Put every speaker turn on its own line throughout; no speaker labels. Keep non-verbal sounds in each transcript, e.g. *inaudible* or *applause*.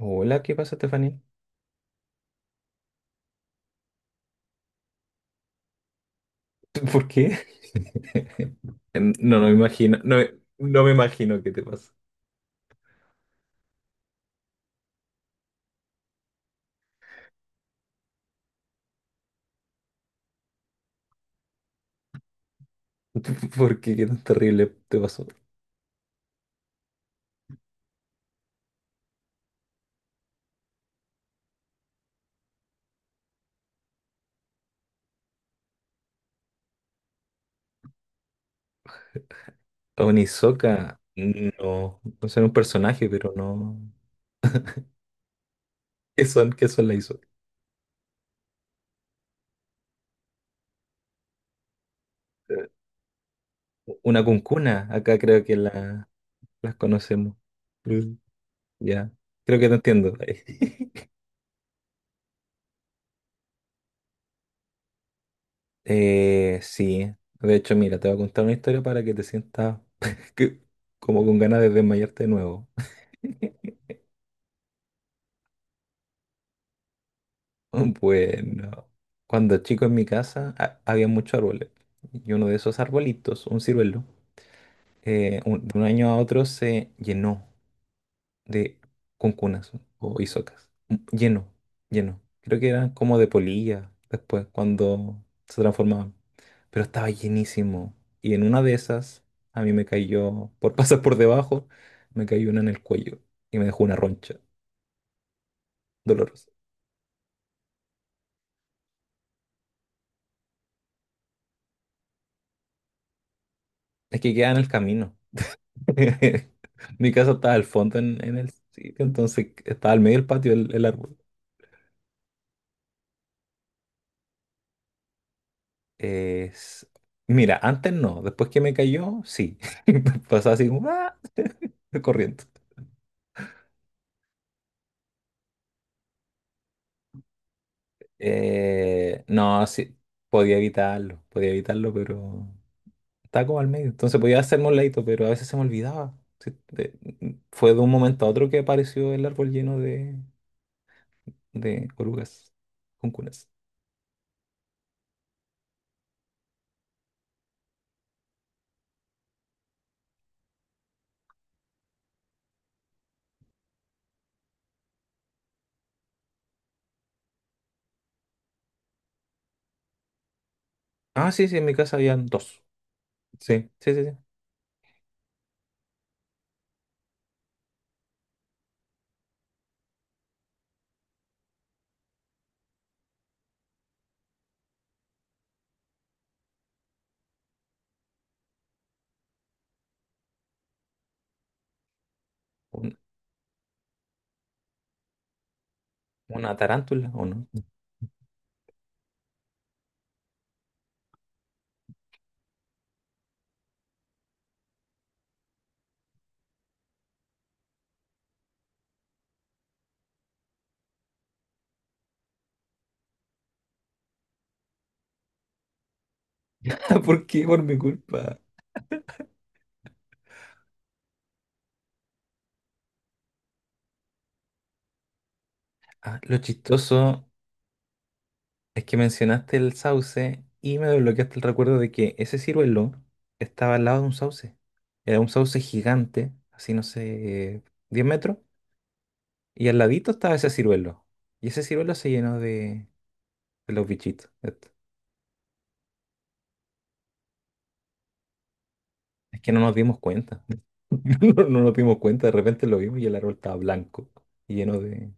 Hola, ¿qué pasa, Stephanie? *laughs* ¿Por qué? No, no me imagino, no, no me imagino qué te pasa. *laughs* ¿Por qué? ¿Qué tan terrible te pasó? Onisoka, no, no sé, era un personaje, pero no. ¿Qué son? ¿Qué son las Isoka? Eh, Una cuncuna, acá creo que las conocemos. Mm. Ya, creo que te entiendo. *laughs* Sí, de hecho, mira, te voy a contar una historia para que te sientas *laughs* que- como con ganas de desmayarte de nuevo. *laughs* Bueno, cuando chico en mi casa había muchos árboles y uno de esos arbolitos, un ciruelo, de un año a otro se llenó de cuncunas o isocas. Lleno, lleno. Creo que eran como de polilla después cuando se transformaban, pero estaba llenísimo. Y en una de esas a mí me cayó, por *laughs* pasar por debajo, me cayó una en el cuello y me dejó una roncha dolorosa. Es que queda en el camino. *laughs* Mi casa estaba al fondo en el sitio, entonces estaba al medio del patio el árbol. Es- Mira, antes no, después que me cayó, sí. *laughs* Pasaba así como ¡ah! *laughs* corriendo. No, sí, podía evitarlo, pero estaba como al medio. Entonces podía hacerme un ladito, pero a veces se me olvidaba. Sí, fue de un momento a otro que apareció el árbol lleno de orugas, cuncunas. Ah, sí, sí, en mi casa habían dos. Sí, sí, sí, sí. ¿Una tarántula o no? *laughs* ¿Por qué? Por mi culpa. Ah, lo chistoso es que mencionaste el sauce y me desbloqueaste el recuerdo de que ese ciruelo estaba al lado de un sauce. Era un sauce gigante, así no sé, 10 metros, y al ladito estaba ese ciruelo. Y ese ciruelo se llenó de los bichitos estos. Es que no nos dimos cuenta. *laughs* No, no nos dimos cuenta, de repente lo vimos y el árbol estaba blanco, lleno de...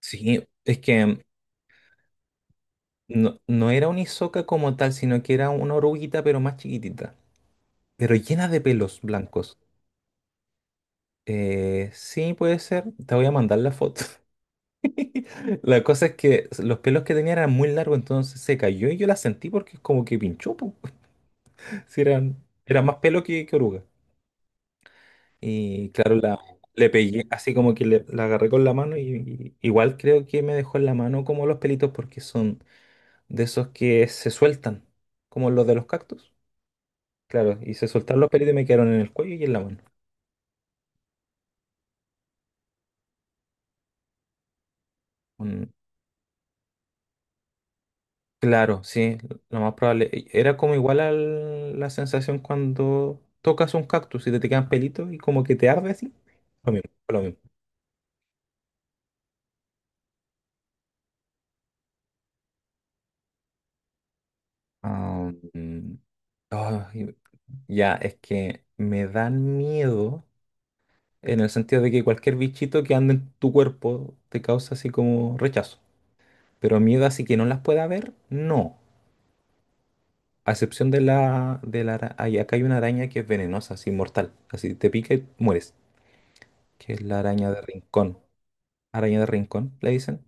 Sí, es que no, no era una isoca como tal, sino que era una oruguita, pero más chiquitita. Pero llena de pelos blancos. Sí, puede ser. Te voy a mandar la foto. *laughs* La cosa es que los pelos que tenía eran muy largos, entonces se cayó y yo la sentí porque como que pinchó, po. *laughs* Sí, eran, era más pelo que oruga. Y claro, le pegué, así como que la agarré con la mano y igual creo que me dejó en la mano como los pelitos porque son de esos que se sueltan, como los de los cactus. Claro, y se soltaron los pelitos y me quedaron en el cuello y en la mano. Un- Claro, sí, lo más probable. Era como igual a la sensación cuando tocas un cactus y te quedan pelitos y como que te arde así. Lo mismo, fue lo mismo. Ah, mm, ay, ya, es que me dan miedo en el sentido de que cualquier bichito que ande en tu cuerpo te causa así como rechazo. Pero miedo así que no las pueda ver, no. A excepción de de la ay, acá hay una araña que es venenosa, así mortal. Así te pica y mueres. Que es la araña de rincón. Araña de rincón, le dicen.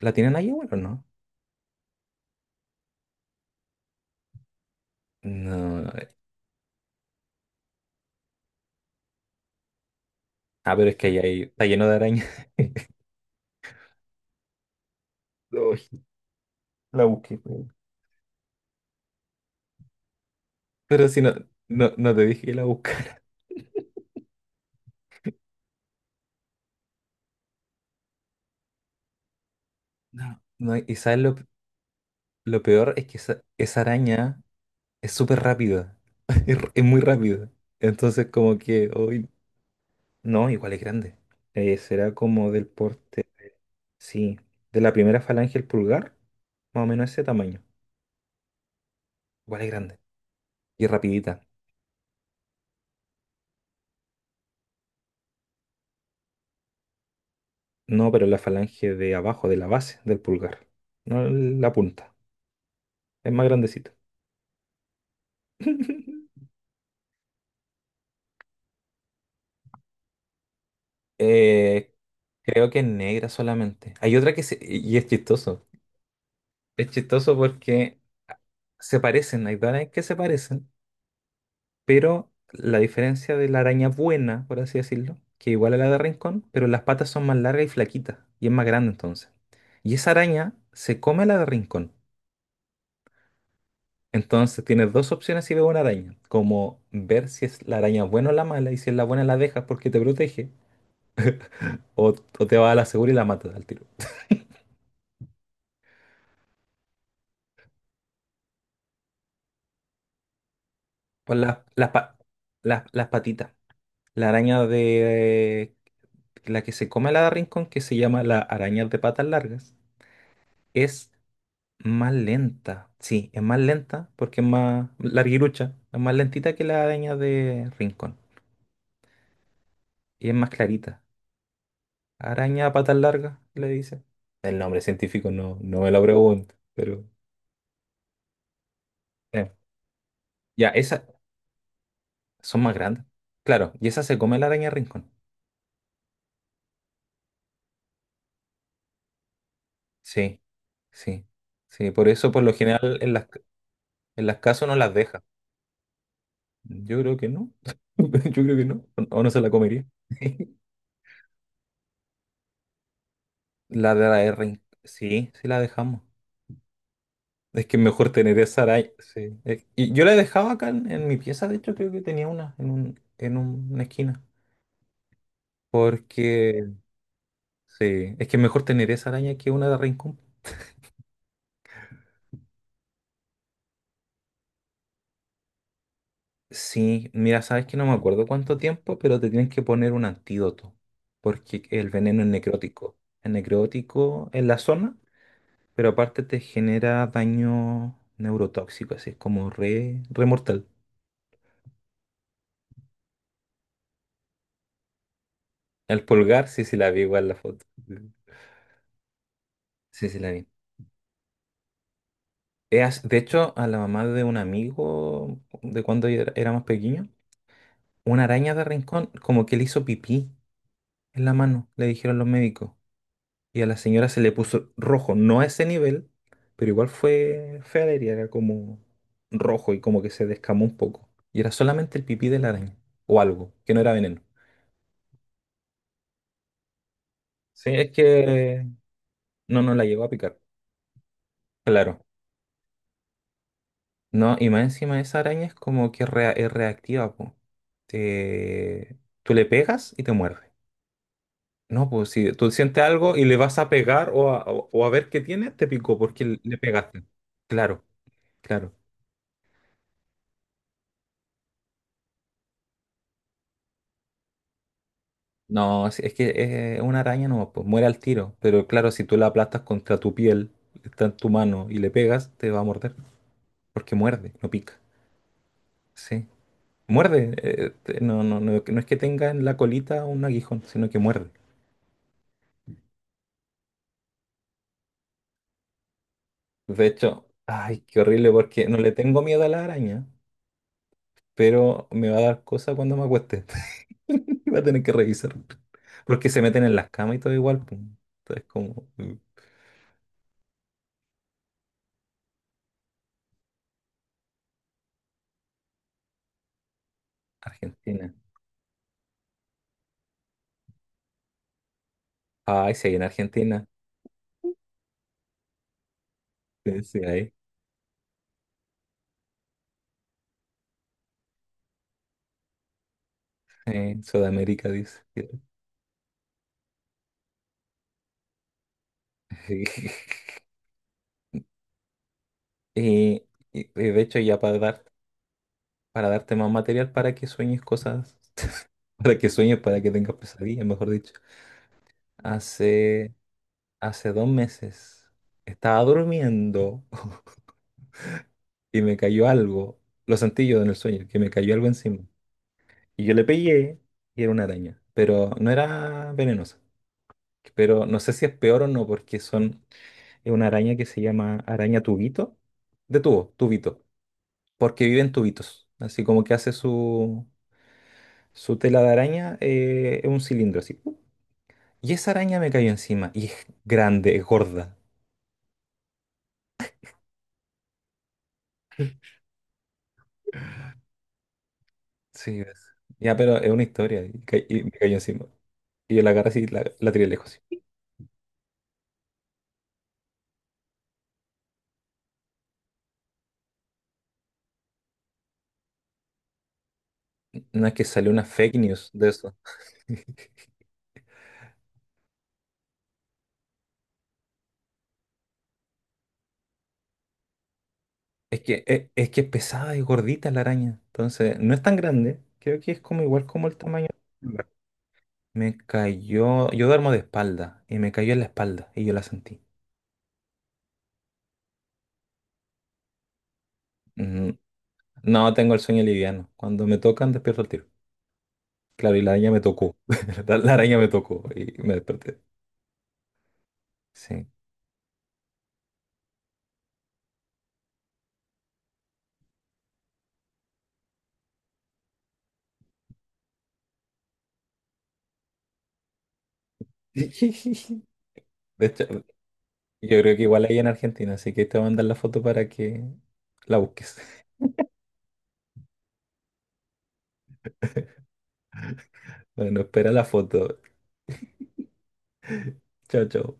¿La tienen ahí, bueno, o no? No, no. Ah, pero es que ahí está lleno de arañas. *laughs* Uy, la busqué. Pero si no, no, no te dije que la buscara. *laughs* No, no, y sabes lo peor es que esa araña es súper rápida. *laughs* Es, es muy rápida. Entonces, como que hoy. No, igual es grande. Será como del porte. Sí, de la primera falange al pulgar, más o menos ese tamaño. Igual es grande. Y rapidita. No, pero la falange de abajo, de la base del pulgar. No la punta. Es más grandecita. *laughs* Eh, Creo que es negra solamente. Hay otra que se... Y es chistoso. Es chistoso porque se parecen, hay varias que se parecen, pero la diferencia de la araña buena, por así decirlo, que igual a la de Rincón, pero las patas son más largas y flaquitas, y es más grande entonces. Y esa araña se come a la de Rincón. Entonces tienes dos opciones si ves una araña, como ver si es la araña buena o la mala, y si es la buena la dejas porque te protege, o, o te vas a la segura y la matas al tiro. Pues las patitas. La araña de la que se come a la de rincón, que se llama la araña de patas largas, es más lenta. Sí, es más lenta porque es más larguirucha, es más lentita que la araña de rincón. Y es más clarita. Araña a patas largas, le dice. El nombre científico no, no me lo pregunto, pero... eh. Ya, esas son más grandes. Claro, y esa se come la araña rincón. Sí, sí, sí. Por eso, por lo general, en en las casas no las deja. Yo creo que no. *laughs* Yo creo que no. O no se la comería. *laughs* La de la rincón. Sí, sí la dejamos. Es que es mejor tener esa araña. Sí. Y yo la dejaba acá en mi pieza, de hecho, creo que tenía una en un, en una esquina. Porque sí, es que es mejor tener esa araña que una de Rincón. Sí, mira, sabes que no me acuerdo cuánto tiempo, pero te tienes que poner un antídoto, porque el veneno es necrótico. Es necrótico en la zona, pero aparte te genera daño neurotóxico, así es como re, re mortal. El pulgar, sí, sí la vi igual la foto. Sí, sí la vi. De hecho, a la mamá de un amigo, de cuando era más pequeño, una araña de Rincón como que le hizo pipí en la mano, le dijeron los médicos. Y a la señora se le puso rojo, no a ese nivel, pero igual fue fea la herida, era como rojo y como que se descamó un poco. Y era solamente el pipí de la araña, o algo, que no era veneno. Sí, es que no nos la llegó a picar, claro. No, y más encima esa araña es como que es reactiva, po. Te- Tú le pegas y te muerde. No, pues si tú sientes algo y le vas a pegar o a, o o a ver qué tiene, te picó porque le pegaste. Claro, claro. No, es que es una araña no, pues muere al tiro. Pero claro, si tú la aplastas contra tu piel, está en tu mano y le pegas, te va a morder. Porque muerde, no pica. Sí. Muerde. No, no, no, no es que tenga en la colita un aguijón, sino que muerde. De hecho, ay, qué horrible, porque no le tengo miedo a la araña, pero me va a dar cosa cuando me acueste. *laughs* Y va a tener que revisar. Porque se meten en las camas y todo igual, pues. Entonces, como mm, Argentina. Ay, sí, hay en Argentina. Sí, sí, hay. Sudamérica dice. *laughs* Eh, y de hecho, ya para dar, para darte más material para que sueñes cosas, *laughs* para que sueñes, para que tengas pesadillas, mejor dicho. Hace, Hace 2 meses estaba durmiendo *laughs* y me cayó algo. Lo sentí yo en el sueño, que me cayó algo encima. Y yo le pegué y era una araña, pero no era venenosa. Pero no sé si es peor o no, porque son, es una araña que se llama araña tubito, de tubo, tubito, porque vive en tubitos. Así como que hace su tela de araña en un cilindro así. ¡Pup! Y esa araña me cayó encima. Y es grande, es gorda. Sí, ves. Ya, pero es una historia. Y me cayó encima. Y yo la agarré así y la tiré lejos, así. No, es que salió una fake news de eso. *laughs* Es que es pesada y gordita la araña. Entonces, no es tan grande. Creo que es como igual como el tamaño. Me cayó. Yo duermo de espalda. Y me cayó en la espalda. Y yo la sentí. No, tengo el sueño liviano. Cuando me tocan, despierto el tiro. Claro, y la araña me tocó. *laughs* La araña me tocó y me desperté. Sí. *laughs* De hecho, yo creo que igual hay en Argentina, así que te voy a mandar la foto para que la busques. *laughs* Bueno, espera la foto. Chao, chao.